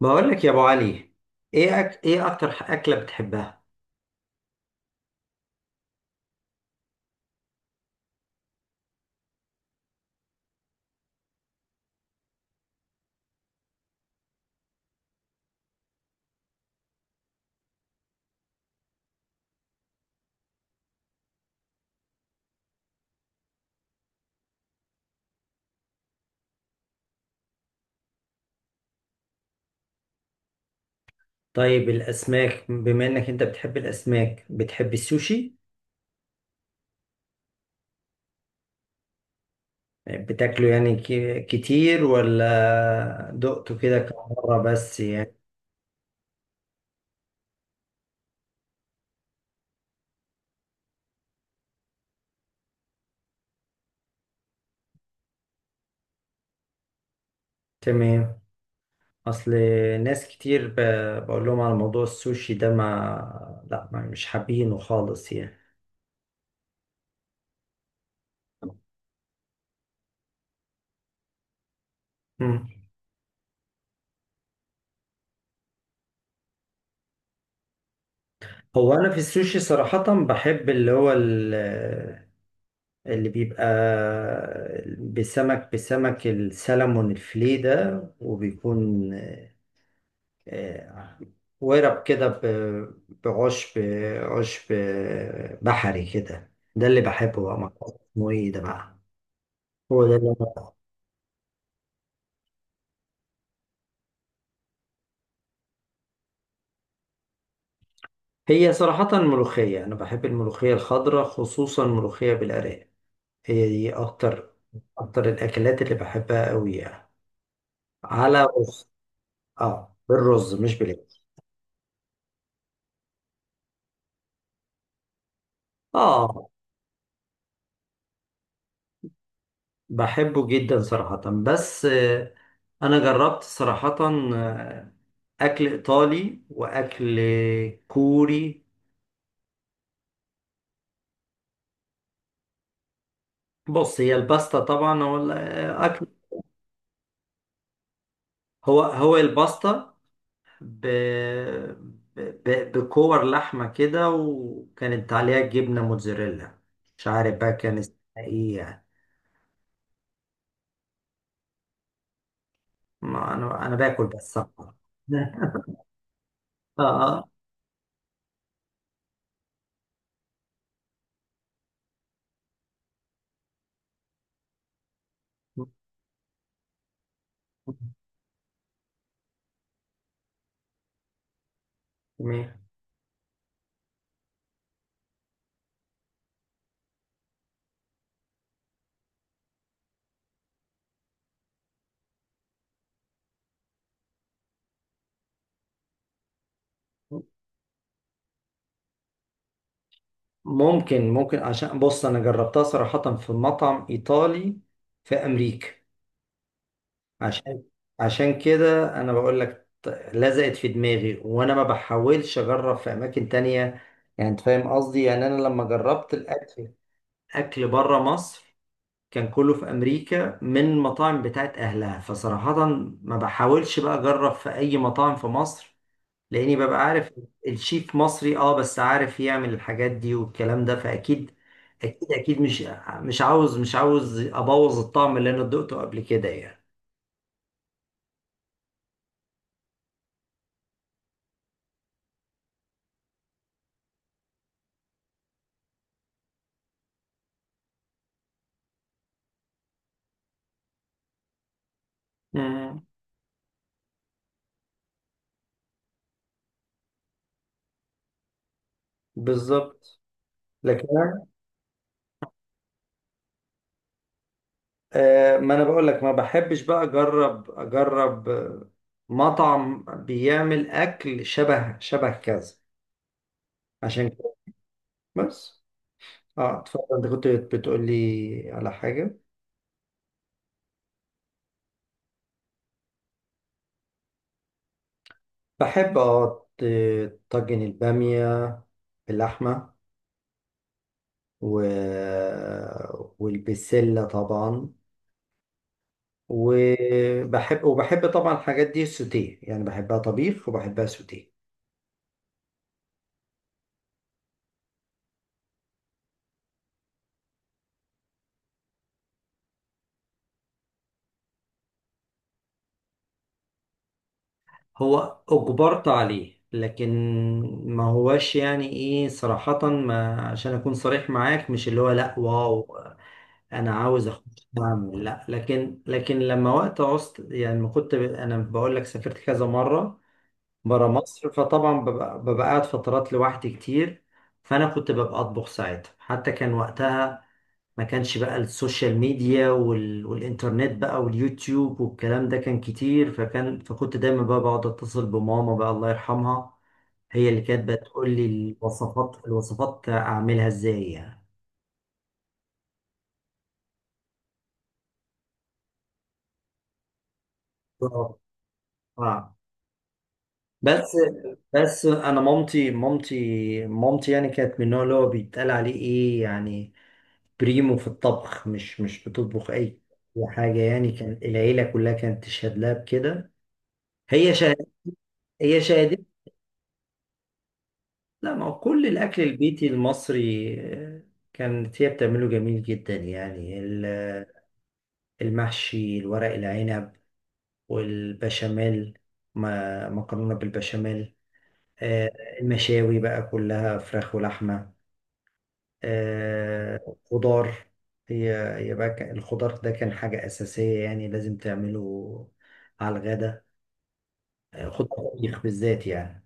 بقول لك يا ابو علي. ايه اكتر اكله بتحبها؟ طيب الاسماك، بما انك انت بتحب الاسماك، بتحب السوشي؟ بتاكله كتير ولا دقته كده كم مره بس يعني؟ تمام. اصل ناس كتير ب... بقول لهم على موضوع السوشي ده، ما لا ما مش حابينه خالص يعني. مم. هو انا في السوشي صراحه بحب اللي هو، اللي بيبقى بسمك السلمون الفلي ده، وبيكون آه، ورق كده بعشب، عشب بحري كده. ده اللي بحبه بقى، ما أعرفش اسمه ايه ده بقى. هو ده اللي أنا. هي صراحة الملوخية، أنا بحب الملوخية الخضراء، خصوصا الملوخية بالأرانب. هي دي أكتر أكتر الأكلات اللي بحبها أوي يعني، على رز. آه، بالرز مش بالعيش. آه، بحبه جدا صراحة. بس أنا جربت صراحة آه، أكل إيطالي وأكل كوري. بص، هي الباستا طبعا هو الأكل. هو الباستا، ب... ب... بكور لحمة كده وكانت عليها جبنة موتزاريلا. مش عارف بقى كان اسمها إيه يعني. ما أنا باكل بس صراحة. آه. آه. تمام. ممكن، ممكن عشان بص انا جربتها صراحة في مطعم ايطالي في امريكا. عشان، عشان كده انا بقول لك، لزقت في دماغي وانا ما بحاولش اجرب في اماكن تانية. يعني انت فاهم قصدي، يعني انا لما جربت الاكل، اكل بره مصر، كان كله في امريكا من مطاعم بتاعت اهلها. فصراحة ما بحاولش بقى اجرب في اي مطاعم في مصر، لاني ببقى عارف الشيف مصري، اه، بس عارف يعمل الحاجات دي والكلام ده، فاكيد، اكيد اكيد مش مش عاوز، مش عاوز ابوظ الطعم اللي انا دقته قبل كده يعني. مم. بالظبط. لكن أنا-. آه، ما انا بقول لك ما بحبش بقى اجرب مطعم بيعمل اكل شبه كذا، عشان كده. بس اه، اتفضل، انت كنت بتقول لي على حاجة. بحب اه، طاجن البامية باللحمة، و... والبسلة طبعا. وبحب طبعا الحاجات دي سوتيه، يعني بحبها طبيخ وبحبها سوتيه. هو أجبرت عليه، لكن ما هواش يعني ايه صراحة، ما عشان أكون صريح معاك، مش اللي هو لأ واو أنا عاوز أخش أعمل، لأ. لكن لما وقت عوزت يعني، ما كنت أنا بقول لك سافرت كذا مرة برا مصر، فطبعا ببقى قاعد فترات لوحدي كتير. فانا كنت ببقى اطبخ ساعتها. حتى كان وقتها ما كانش بقى السوشيال ميديا والانترنت بقى واليوتيوب والكلام ده، كان كتير. فكنت دايما بقى بقعد اتصل بماما بقى، الله يرحمها. هي اللي كانت بتقول لي الوصفات اعملها ازاي يعني. اه. بس، بس انا مامتي، مامتي يعني كانت من النوع اللي هو بيتقال عليه ايه يعني، بريمو في الطبخ، مش بتطبخ اي حاجه يعني. كان العيله كلها كانت تشهد لها بكده. هي شهد، هي شهدت. لا، ما هو كل الاكل البيتي المصري كانت هي بتعمله جميل جدا يعني. المحشي، الورق العنب، والبشاميل، مكرونه بالبشاميل، آه، المشاوي بقى كلها فراخ ولحمه، آه، خضار. هي هي بقى الخضار ده كان حاجة أساسية يعني، لازم تعمله على الغدا. آه، خضار طبيخ بالذات يعني.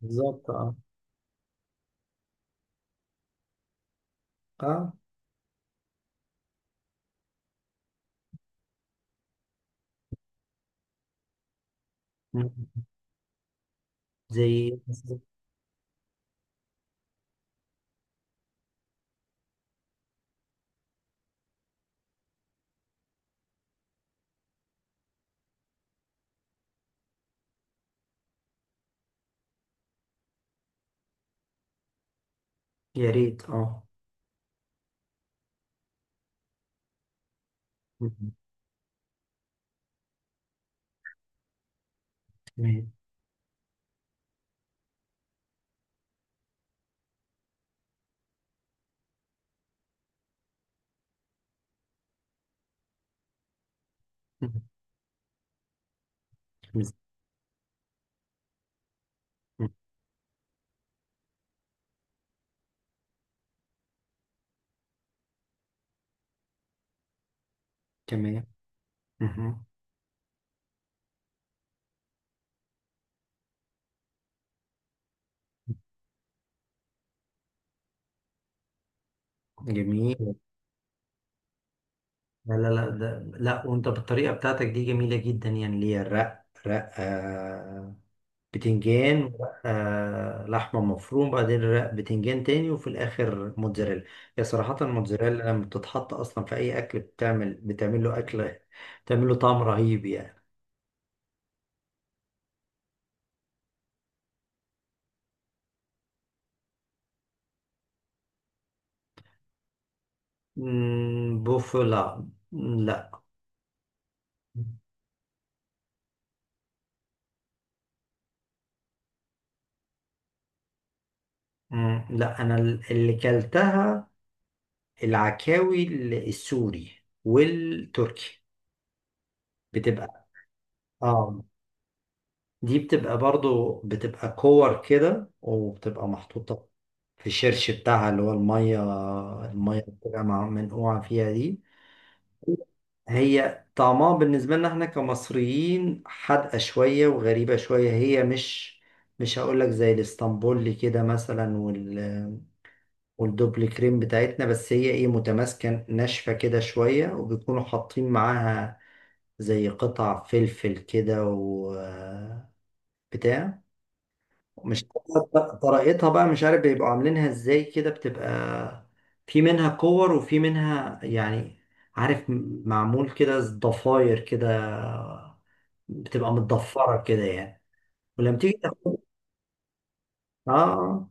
بالظبط، اه. اه. مم. زي. يا ريت، اه. مم. تمام. مم. مم. تمام. مم. جميل. لا لا لا، ده لا، وانت بالطريقة بتاعتك دي جميلة جدا يعني، اللي هي رق بتنجان، ورقة لحمة مفروم، بعدين رق بتنجان تاني، وفي الآخر موتزاريلا. هي صراحة الموتزاريلا لما بتتحط أصلا في أي أكل، بتعمل له أكلة، بتعمل له طعم رهيب يعني. مم، بوفلا. لا لا. مم، لا أنا اللي كلتها العكاوي، السوري والتركي. بتبقى، اه، دي بتبقى برضو، بتبقى كور كده، وبتبقى محطوطة في الشرش بتاعها اللي هو المية، المية اللي بتبقى منقوعة فيها دي. هي طعمها بالنسبة لنا احنا كمصريين حادقة شوية وغريبة شوية. هي مش هقولك زي الاسطنبولي كده مثلا، والدوبل كريم بتاعتنا، بس هي ايه، متماسكة ناشفة كده شوية، وبيكونوا حاطين معاها زي قطع فلفل كده وبتاع. مش عارف طريقتها بقى، مش عارف بيبقوا عاملينها ازاي كده. بتبقى في منها كور وفي منها يعني، عارف، معمول كده ضفاير كده، بتبقى متضفرة كده يعني. ولما تيجي تاخد، اه،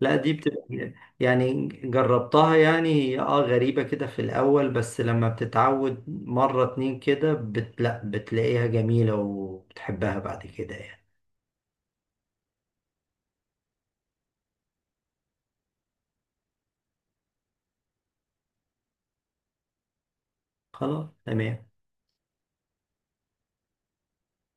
لا دي بتبقى، يعني جربتها، يعني هي اه غريبة كده في الأول، بس لما بتتعود مرة اتنين كده لا، بتلاقيها جميلة وبتحبها بعد كده يعني. خلاص تمام.